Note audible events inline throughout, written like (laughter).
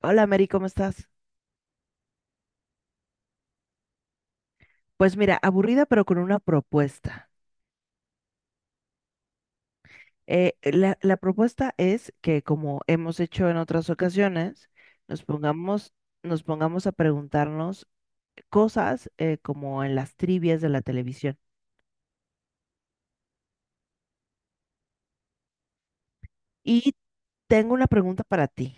Hola Mary, ¿cómo estás? Pues mira, aburrida pero con una propuesta. La propuesta es que como hemos hecho en otras ocasiones, nos pongamos, nos pongamos a preguntarnos cosas como en las trivias de la televisión. Y tengo una pregunta para ti.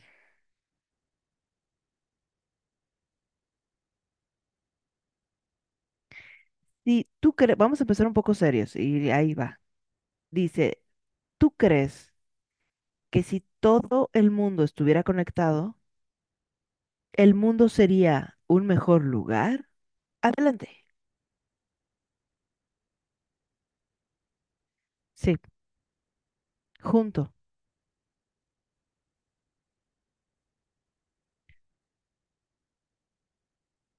Si tú crees, vamos a empezar un poco serios y ahí va. Dice, ¿tú crees que si todo el mundo estuviera conectado, el mundo sería un mejor lugar? Adelante. Sí, junto.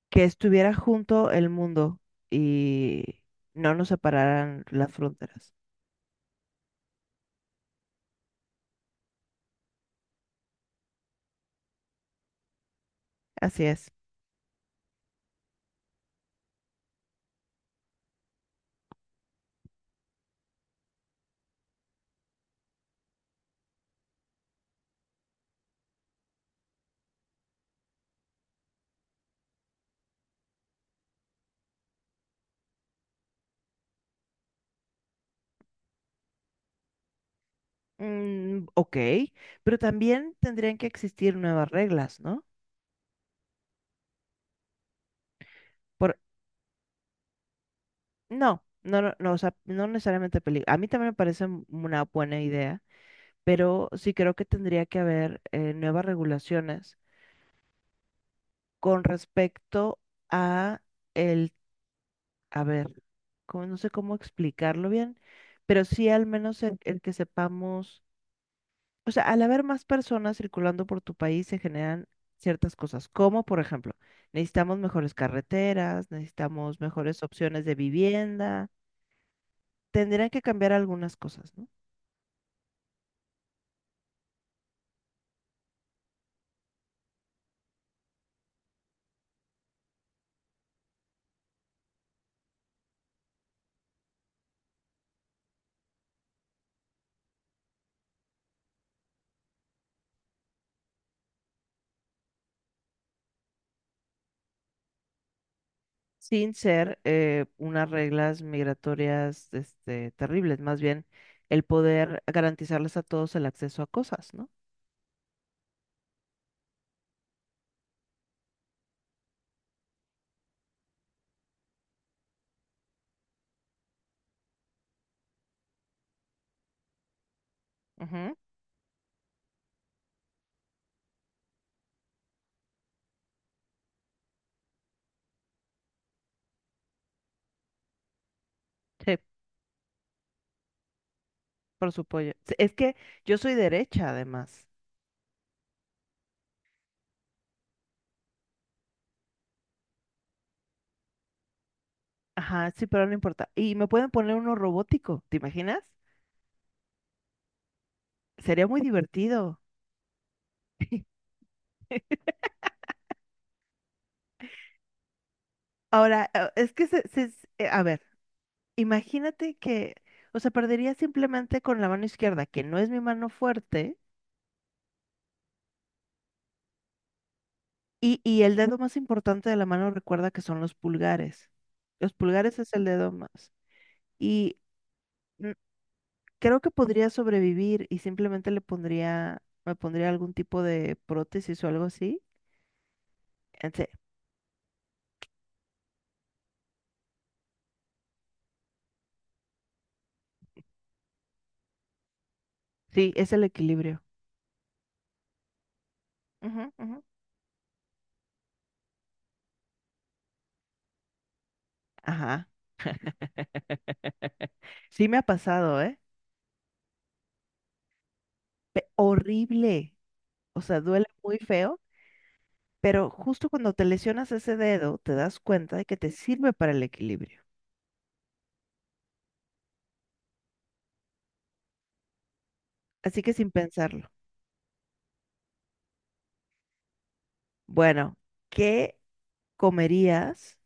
Que estuviera junto el mundo y no nos separaran las fronteras. Así es. Mm, ok, pero también tendrían que existir nuevas reglas, ¿no? Por, no, no, no, no, o sea, no necesariamente película. A mí también me parece una buena idea, pero sí creo que tendría que haber nuevas regulaciones con respecto a el, a ver, no sé cómo explicarlo bien, pero sí al menos el que sepamos. O sea, al haber más personas circulando por tu país se generan ciertas cosas, como por ejemplo, necesitamos mejores carreteras, necesitamos mejores opciones de vivienda, tendrían que cambiar algunas cosas, ¿no? Sin ser unas reglas migratorias este, terribles, más bien el poder garantizarles a todos el acceso a cosas, ¿no? Ujú, sí, por supuesto. Sí, es que yo soy derecha, además. Ajá, sí, pero no importa. Y me pueden poner uno robótico, ¿te imaginas? Sería muy (laughs) divertido. (laughs) Ahora, es que a ver, imagínate que, o sea, perdería simplemente con la mano izquierda, que no es mi mano fuerte, y el dedo más importante de la mano recuerda que son los pulgares. Los pulgares es el dedo más. Y mm, creo que podría sobrevivir y simplemente le pondría, me pondría algún tipo de prótesis o algo así. Ente- Sí, es el equilibrio. Ujú, ujú. Ajá. Sí me ha pasado, ¿eh? Pe- horrible. O sea, duele muy feo. Pero justo cuando te lesionas ese dedo, te das cuenta de que te sirve para el equilibrio. Así que sin pensarlo. Bueno, ¿qué comerías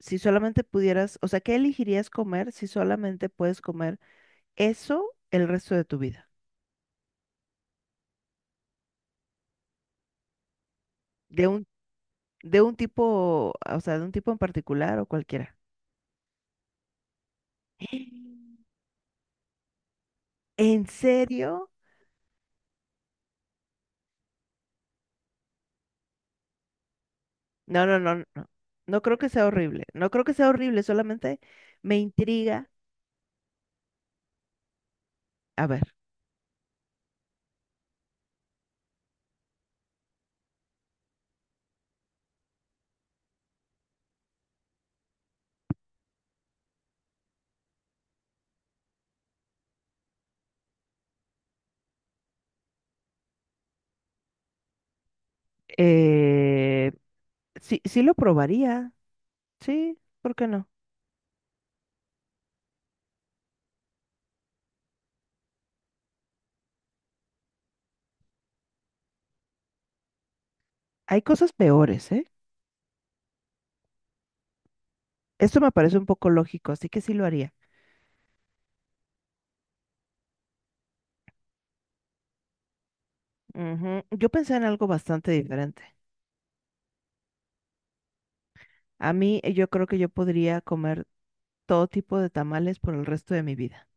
si solamente pudieras, o sea, qué elegirías comer si solamente puedes comer eso el resto de tu vida? De un, de un tipo, o sea, de un tipo en particular o cualquiera. (gasps) ¿En serio? No, no, no, no. No creo que sea horrible. No creo que sea horrible, solamente me intriga. A ver. Eh, Sí, sí lo probaría. Sí, ¿por qué no? Hay cosas peores, ¿eh? Esto me parece un poco lógico, así que sí lo haría. Ujú. Yo pensé en algo bastante diferente. A mí, yo creo que yo podría comer todo tipo de tamales por el resto de mi vida.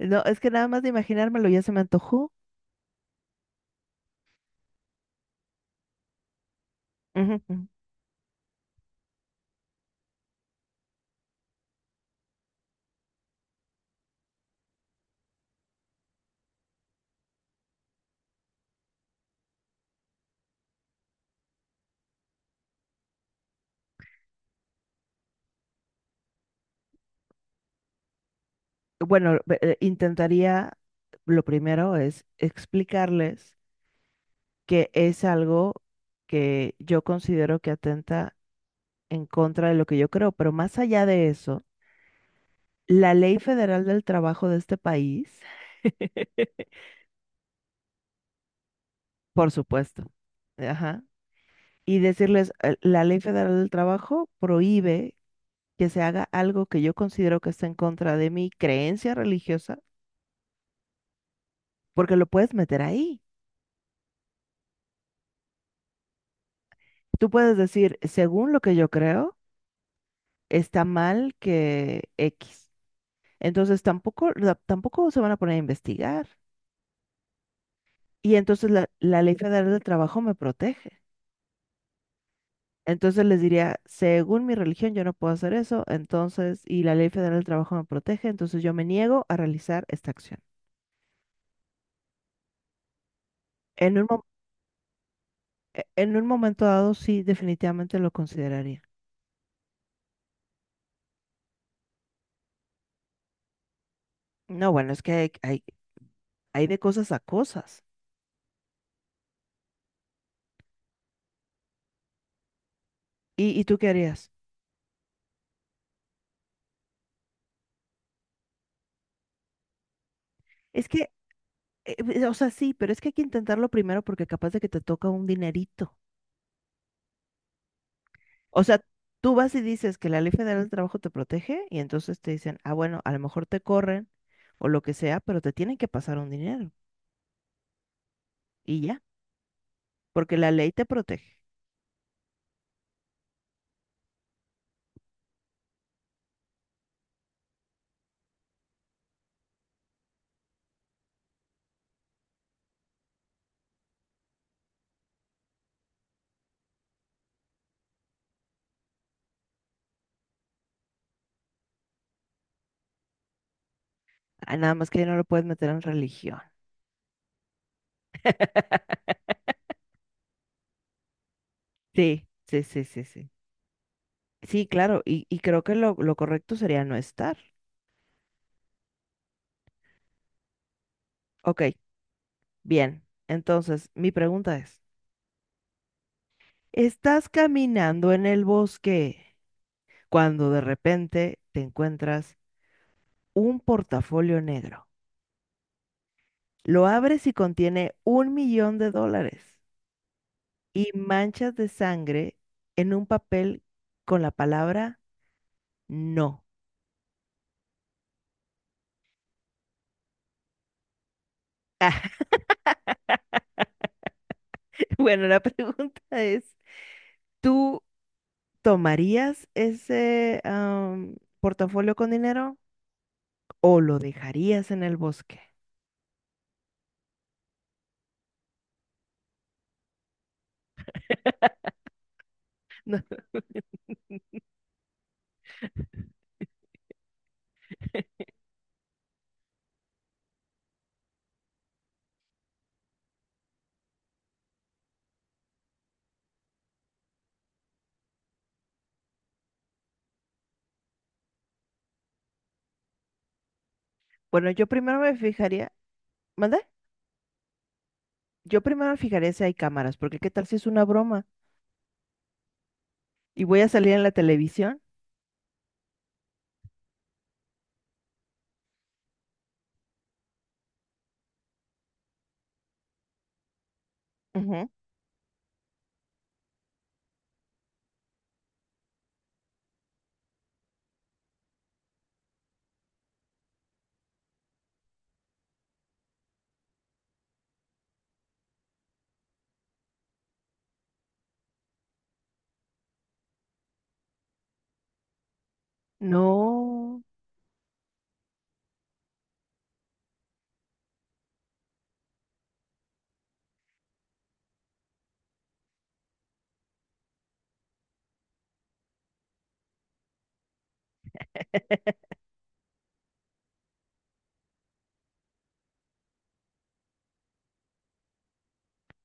No, es que nada más de imaginármelo ya se me antojó. Ujú, ujú. Bueno, intentaría, lo primero es explicarles que es algo que yo considero que atenta en contra de lo que yo creo, pero más allá de eso. La ley federal del trabajo de este país, (laughs) por supuesto, ajá, y decirles, la ley federal del trabajo prohíbe que se haga algo que yo considero que está en contra de mi creencia religiosa, porque lo puedes meter ahí. Tú puedes decir, según lo que yo creo, está mal que X. Entonces tampoco, la- tampoco se van a poner a investigar. Y entonces la ley federal del trabajo me protege. Entonces les diría, según mi religión, yo no puedo hacer eso, entonces, y la ley federal del trabajo me protege, entonces yo me niego a realizar esta acción. En un, mo- en un momento dado, sí, definitivamente lo consideraría. No, bueno, es que hay de cosas a cosas. Y tú qué harías? Es que, o sea, sí, pero es que hay que intentarlo primero porque capaz de que te toca un dinerito. O sea, tú vas y dices que la ley federal del trabajo te protege y entonces te dicen, ah, bueno, a lo mejor te corren o lo que sea, pero te tienen que pasar un dinero. Y ya, porque la ley te protege. Ah, nada más que ya no lo puedes meter en religión. (laughs) Sí, sí, sí, sí, sí. Sí, claro, y creo que lo correcto sería no estar. Ok, bien. Entonces, mi pregunta es, ¿estás caminando en el bosque cuando de repente te encuentras un portafolio negro? Lo abres y contiene 1 millón de dólares y manchas de sangre en un papel con la palabra no. (laughs) Bueno, la pregunta es, ¿tú tomarías ese portafolio con dinero o lo dejarías en el bosque? No, (laughs) bueno, yo primero me fijaría, ¿mande? Yo primero me fijaría si hay cámaras, porque qué tal si es una broma y voy a salir en la televisión. Ujú. No,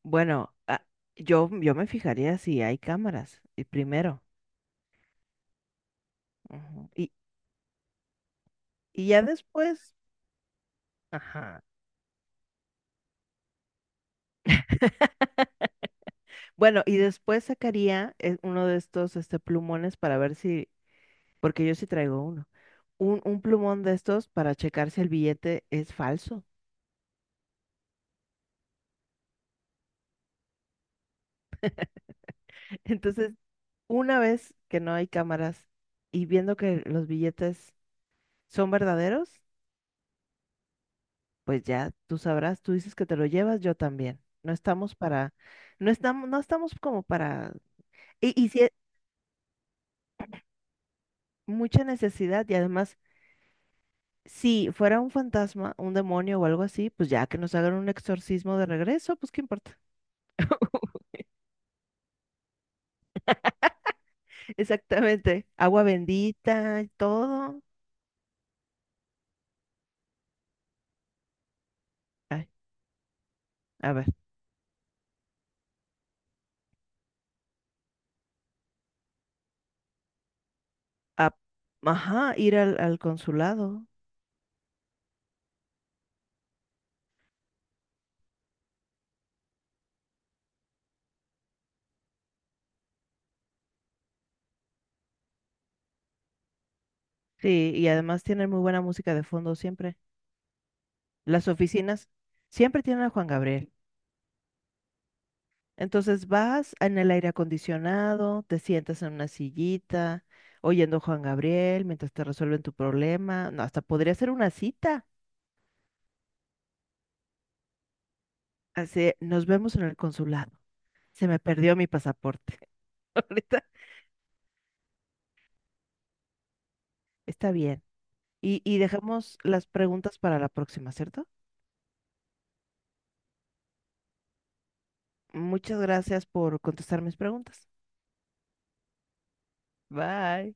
bueno, ah, yo me fijaría si hay cámaras, y primero. Ujú. Y, y ya después, ajá. Bueno, y después sacaría uno de estos este, plumones para ver si, porque yo sí traigo uno, un plumón de estos para checar si el billete es falso. (laughs) Entonces, una vez que no hay cámaras y viendo que los billetes son verdaderos, pues ya tú sabrás, tú dices que te lo llevas, yo también. No estamos para, no estamos, no estamos como para, y si es mucha necesidad y además si fuera un fantasma, un demonio o algo así, pues ya que nos hagan un exorcismo de regreso, pues qué importa. (laughs) Exactamente. Agua bendita y todo. Ay, a ver. a- ajá, ir al, al consulado. Sí, y además tienen muy buena música de fondo siempre. Las oficinas siempre tienen a Juan Gabriel. Entonces vas en el aire acondicionado, te sientas en una sillita, oyendo a Juan Gabriel mientras te resuelven tu problema. No, hasta podría ser una cita. Así, nos vemos en el consulado. Se me perdió mi pasaporte. (laughs) Ahorita está bien. Y dejamos las preguntas para la próxima, ¿cierto? Muchas gracias por contestar mis preguntas. Bye.